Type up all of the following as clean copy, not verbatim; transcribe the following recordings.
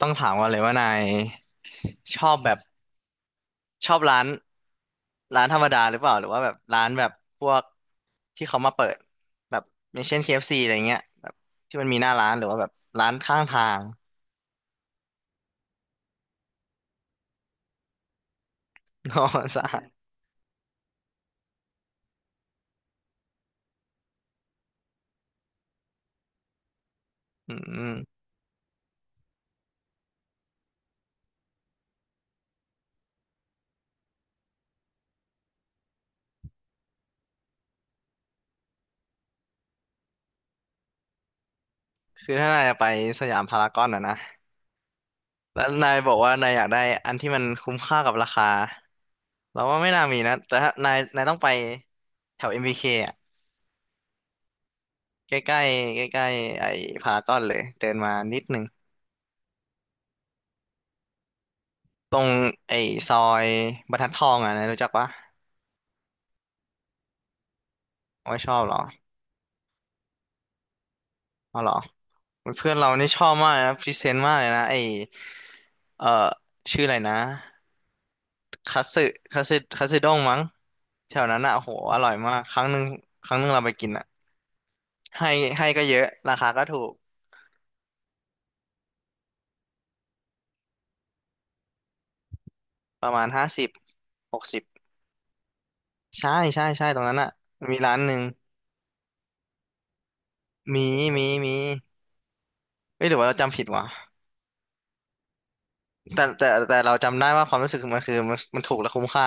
ต้องถามก่อนเลยว่านายชอบแบบชอบร้านธรรมดาหรือเปล่าหรือว่าแบบร้านแบบพวกที่เขามาเปิดแบบอย่างเช่น KFC อฟซีอะไรเงี้ยแบบที่มันมีหน้าร้านหรือว่าแบบร้านข้างทาง นอกสะอาดอืมคือถ้านายจะไปสยามพารากอนอ่ะนะแล้วนายบอกว่านายอยากได้อันที่มันคุ้มค่ากับราคาเราว่าไม่น่ามีนะแต่ถ้านายต้องไปแถว MBK อมบีเคอ่ะใกล้ๆใกล้ๆไอ้พารากอนเลยเดินมานิดนึง ตรงไอ้ซอยบรรทัดทองอ่ะนะรู้จักปะไม่ชอบเหรอเอาเหรอเพื่อนเรานี่ชอบมากนะพรีเซนต์มากเลยนะไอ้เอ่อชื่ออะไรนะคัตสึคัตสึด้งมั้งแถวนั้นอ่ะโหอร่อยมากครั้งหนึ่งเราไปกินอ่ะให้ให้ก็เยอะราคาก็ถูกประมาณ50 60ใช่ใช่ใช่ตรงนั้นอ่ะมีร้านหนึ่งมีมีมีเอ้ยหรือว่าเราจำผิดวะแต่เราจำได้ว่าความรู้สึกมันคือมันถูกและคุ้มค่า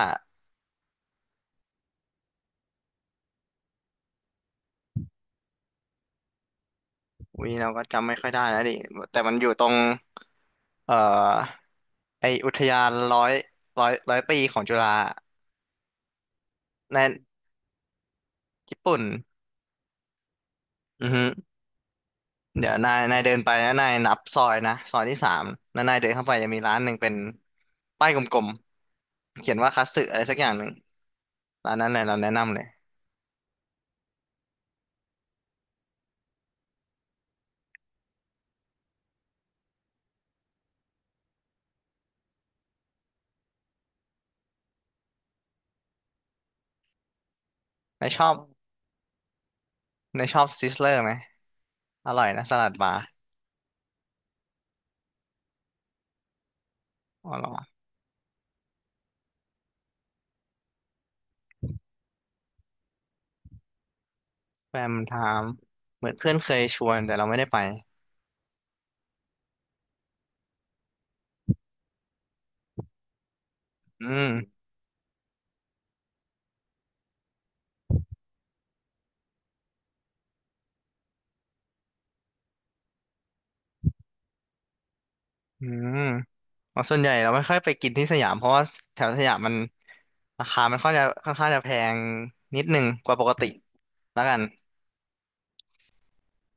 วีเราก็จำไม่ค่อยได้แล้วดิแต่มันอยู่ตรงเอ่อไออุทยานร้อยปีของจุฬาในญี่ปุ่นอือฮึเดี๋ยวนายเดินไปนะนายนับซอยนะซอยที่สามแล้วนายเดินเข้าไปจะมีร้านหนึ่งเป็นป้ายกลมๆเขียนว่าคัตสึอะไรสักอย่างหนึ่งร้านนั้นเลยเราแนะนำเลยนายชอบนายชอบซิสเลอร์ไหมอร่อยนะสลัดบาร์อ๋อเหรอแฟมันถามเหมือนเพื่อนเคยชวนแต่เราไม่ได้ไปอืมอืม อ๋อส่วนใหญ่เราไม่ค่อยไปกินที่สยามเพราะว่าแถวสยามมันราคามันค่อนข้างจะแพงนิดหนึ่งกว่าปกติแล้วกัน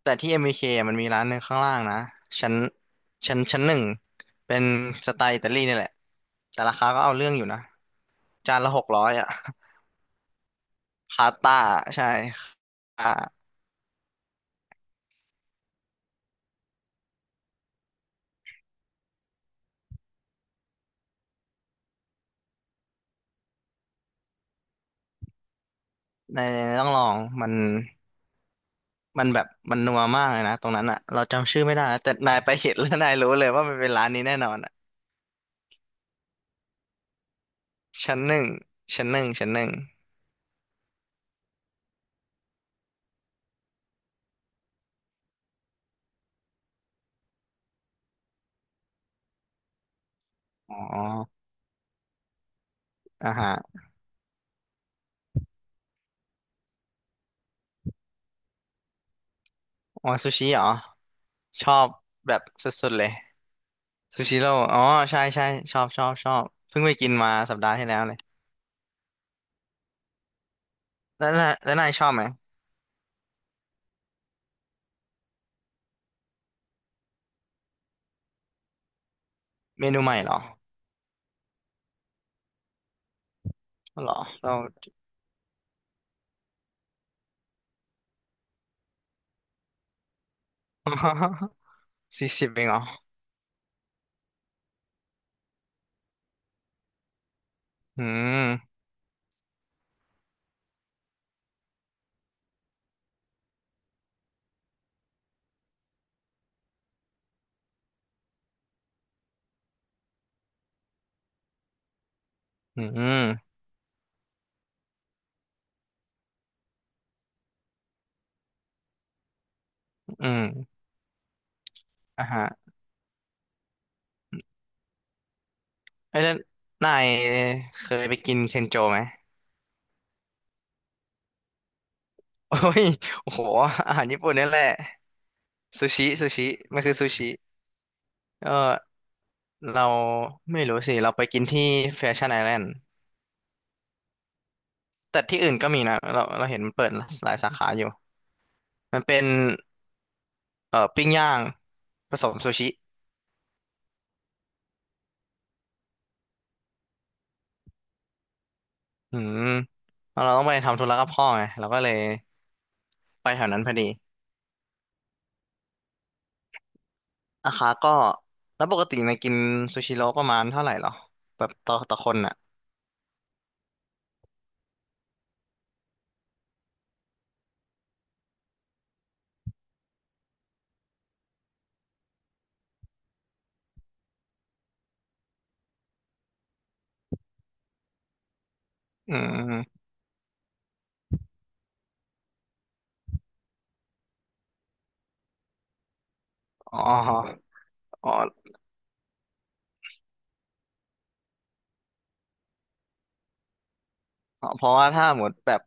แต่ที่ MBK มบีเคมันมีร้านหนึ่งข้างล่างนะชั้นชั้นหนึ่งเป็นสไตล์อิตาลีนี่แหละแต่ราคาก็เอาเรื่องอยู่นะจานละ600อะพาสต้าใช่อ่าในต้องลองมันมันแบบมันนัวมากเลยนะตรงนั้นอะเราจำชื่อไม่ได้นะแต่นายไปเห็นแล้วนายรู้เลยว่ามันเป็นร้านนี้แน่นอนอะชั้นหนึ่งชั้นหนึ่งชั้นหนึ่ง อ๋ออาหารอ๋อซูชิเหรอ ชอบแบบสุดๆเลยซูชิโร่อ๋อใช่ใช่ชอบชอบชอบ เพิ่งไปกินมาสัปดาห์ที่แล้วเลย แล้วนายชอบไหม เมนูใหม่เหรอเหรอเรา 40เองเหรออืมอืมอืมอ่ะฮะเอ้ยแล้วนายเคยไปกินเทนโจไหม โอ้ยโอ้โหอาหารญี่ปุ่นนี่แหละซูชิมันคือซูชิ ก็เราไม่รู้สิเราไปกินที่แฟชั่นไอแลนด์แต่ที่อื่นก็มีนะเราเห็นมันเปิดหลายสาขาอยู่มันเป็นปิ้งย่างผสมซูชิอืมแล้วเราต้องไปทำธุระกับพ่อไงเราก็เลยไปแถวนั้นพอดีราคาก็แล้วปกติในยกินซูชิโร่ประมาณเท่าไหร่หรอแบบต่อคนอ่ะอืมอ๋ออ๋อเพราะว่าถ้าหมดแบบ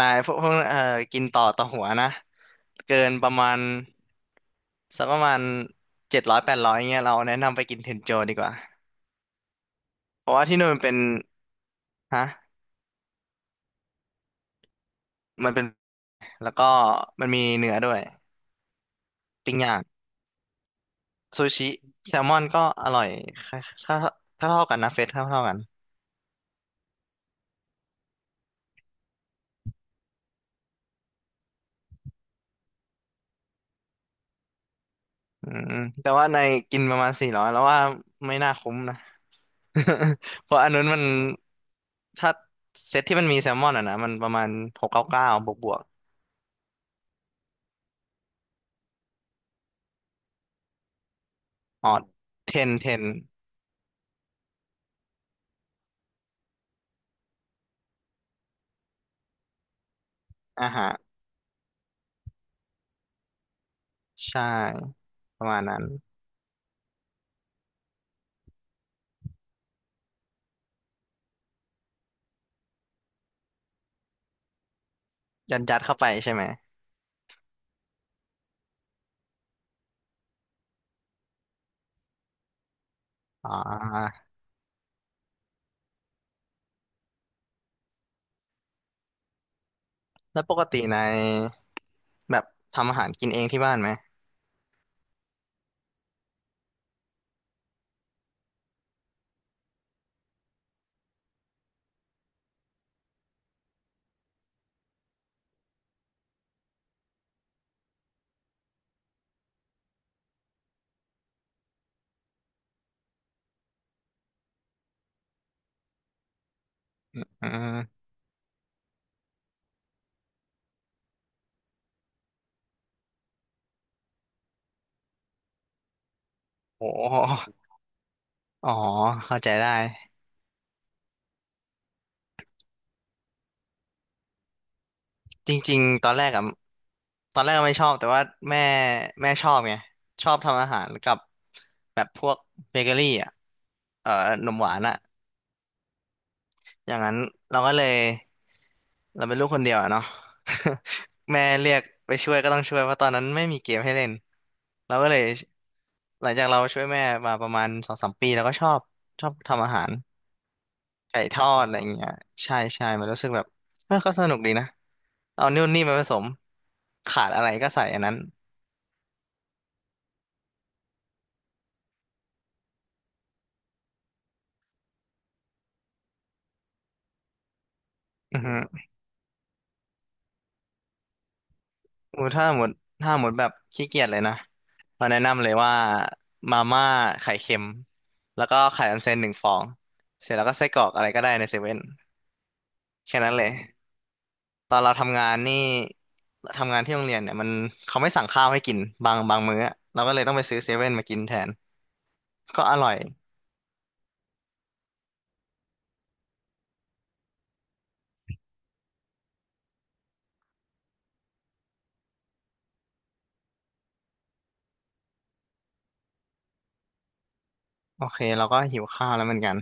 นายพวกพวกกินต่อหัวนะเกินประมาณสักประมาณ700 800เงี้ยเราแนะนำไปกินเทนโจดีกว่าเพราะว่าที่นู่นมันเป็นฮะมันเป็นแล้วก็มันมีเนื้อด้วยปิ้งย่างซูชิแซลมอนก็อร่อยถ้าถ้าเท่ากันนะเฟสเท่ากันอืมแต่ว่าในกินประมาณ400แล้วว่าไม่น่าคุ้มนะ เพราะอันนู้นมันถ้าเซตที่มันมีแซลมอนอ่ะนะมันประมาณ699บวกบวก อ๋อเทนอ่าฮะใช่ประมาณนั้นยัดเข้าไปใช่ไหมอ่าแล้วปกติในแบบทำอาหารกินเองที่บ้านไหมอืมโอ้อ๋อเข้าใจได้ จริงๆตอนแรกอะตอนแรกก็ไม่ชอบ แต่ว่าแม่แม่ชอบไงชอบทำอาหารกับแบบพวกเบเกอรี่อ่ะ ขนมหวานอ่ะ อย่างนั้นเราก็เลยเราเป็นลูกคนเดียวอะเนาะ แม่เรียกไปช่วยก็ต้องช่วยเพราะตอนนั้นไม่มีเกมให้เล่นเราก็เลยหลังจากเราช่วยแม่มาประมาณ2 3 ปีแล้วก็ชอบทำอาหารไก่ทอดอะไรอย่างเงี้ยใช่ใช่มันรู้สึกแบบเออก็สนุกดีนะเอานู่นนี่มาผสมขาดอะไรก็ใส่อันนั้นอือฮึ หมูถ้าหมดแบบขี้เกียจเลยนะเราแนะนำเลยว่ามาม่าไข่เค็มแล้วก็ไข่ออนเซ็นหนึ่งฟองเสร็จแล้วก็ไส้กรอกอะไรก็ได้ในเซเว่นแค่นั้นเลยตอนเราทำงานนี่ทำงานที่โรงเรียนเนี่ยมันเขาไม่สั่งข้าวให้กินบางมื้ออะเราก็เลยต้องไปซื้อเซเว่นมากินแทนก็อร่อยโอเคเราก็หิวข้าวแล้วเหมือนกัน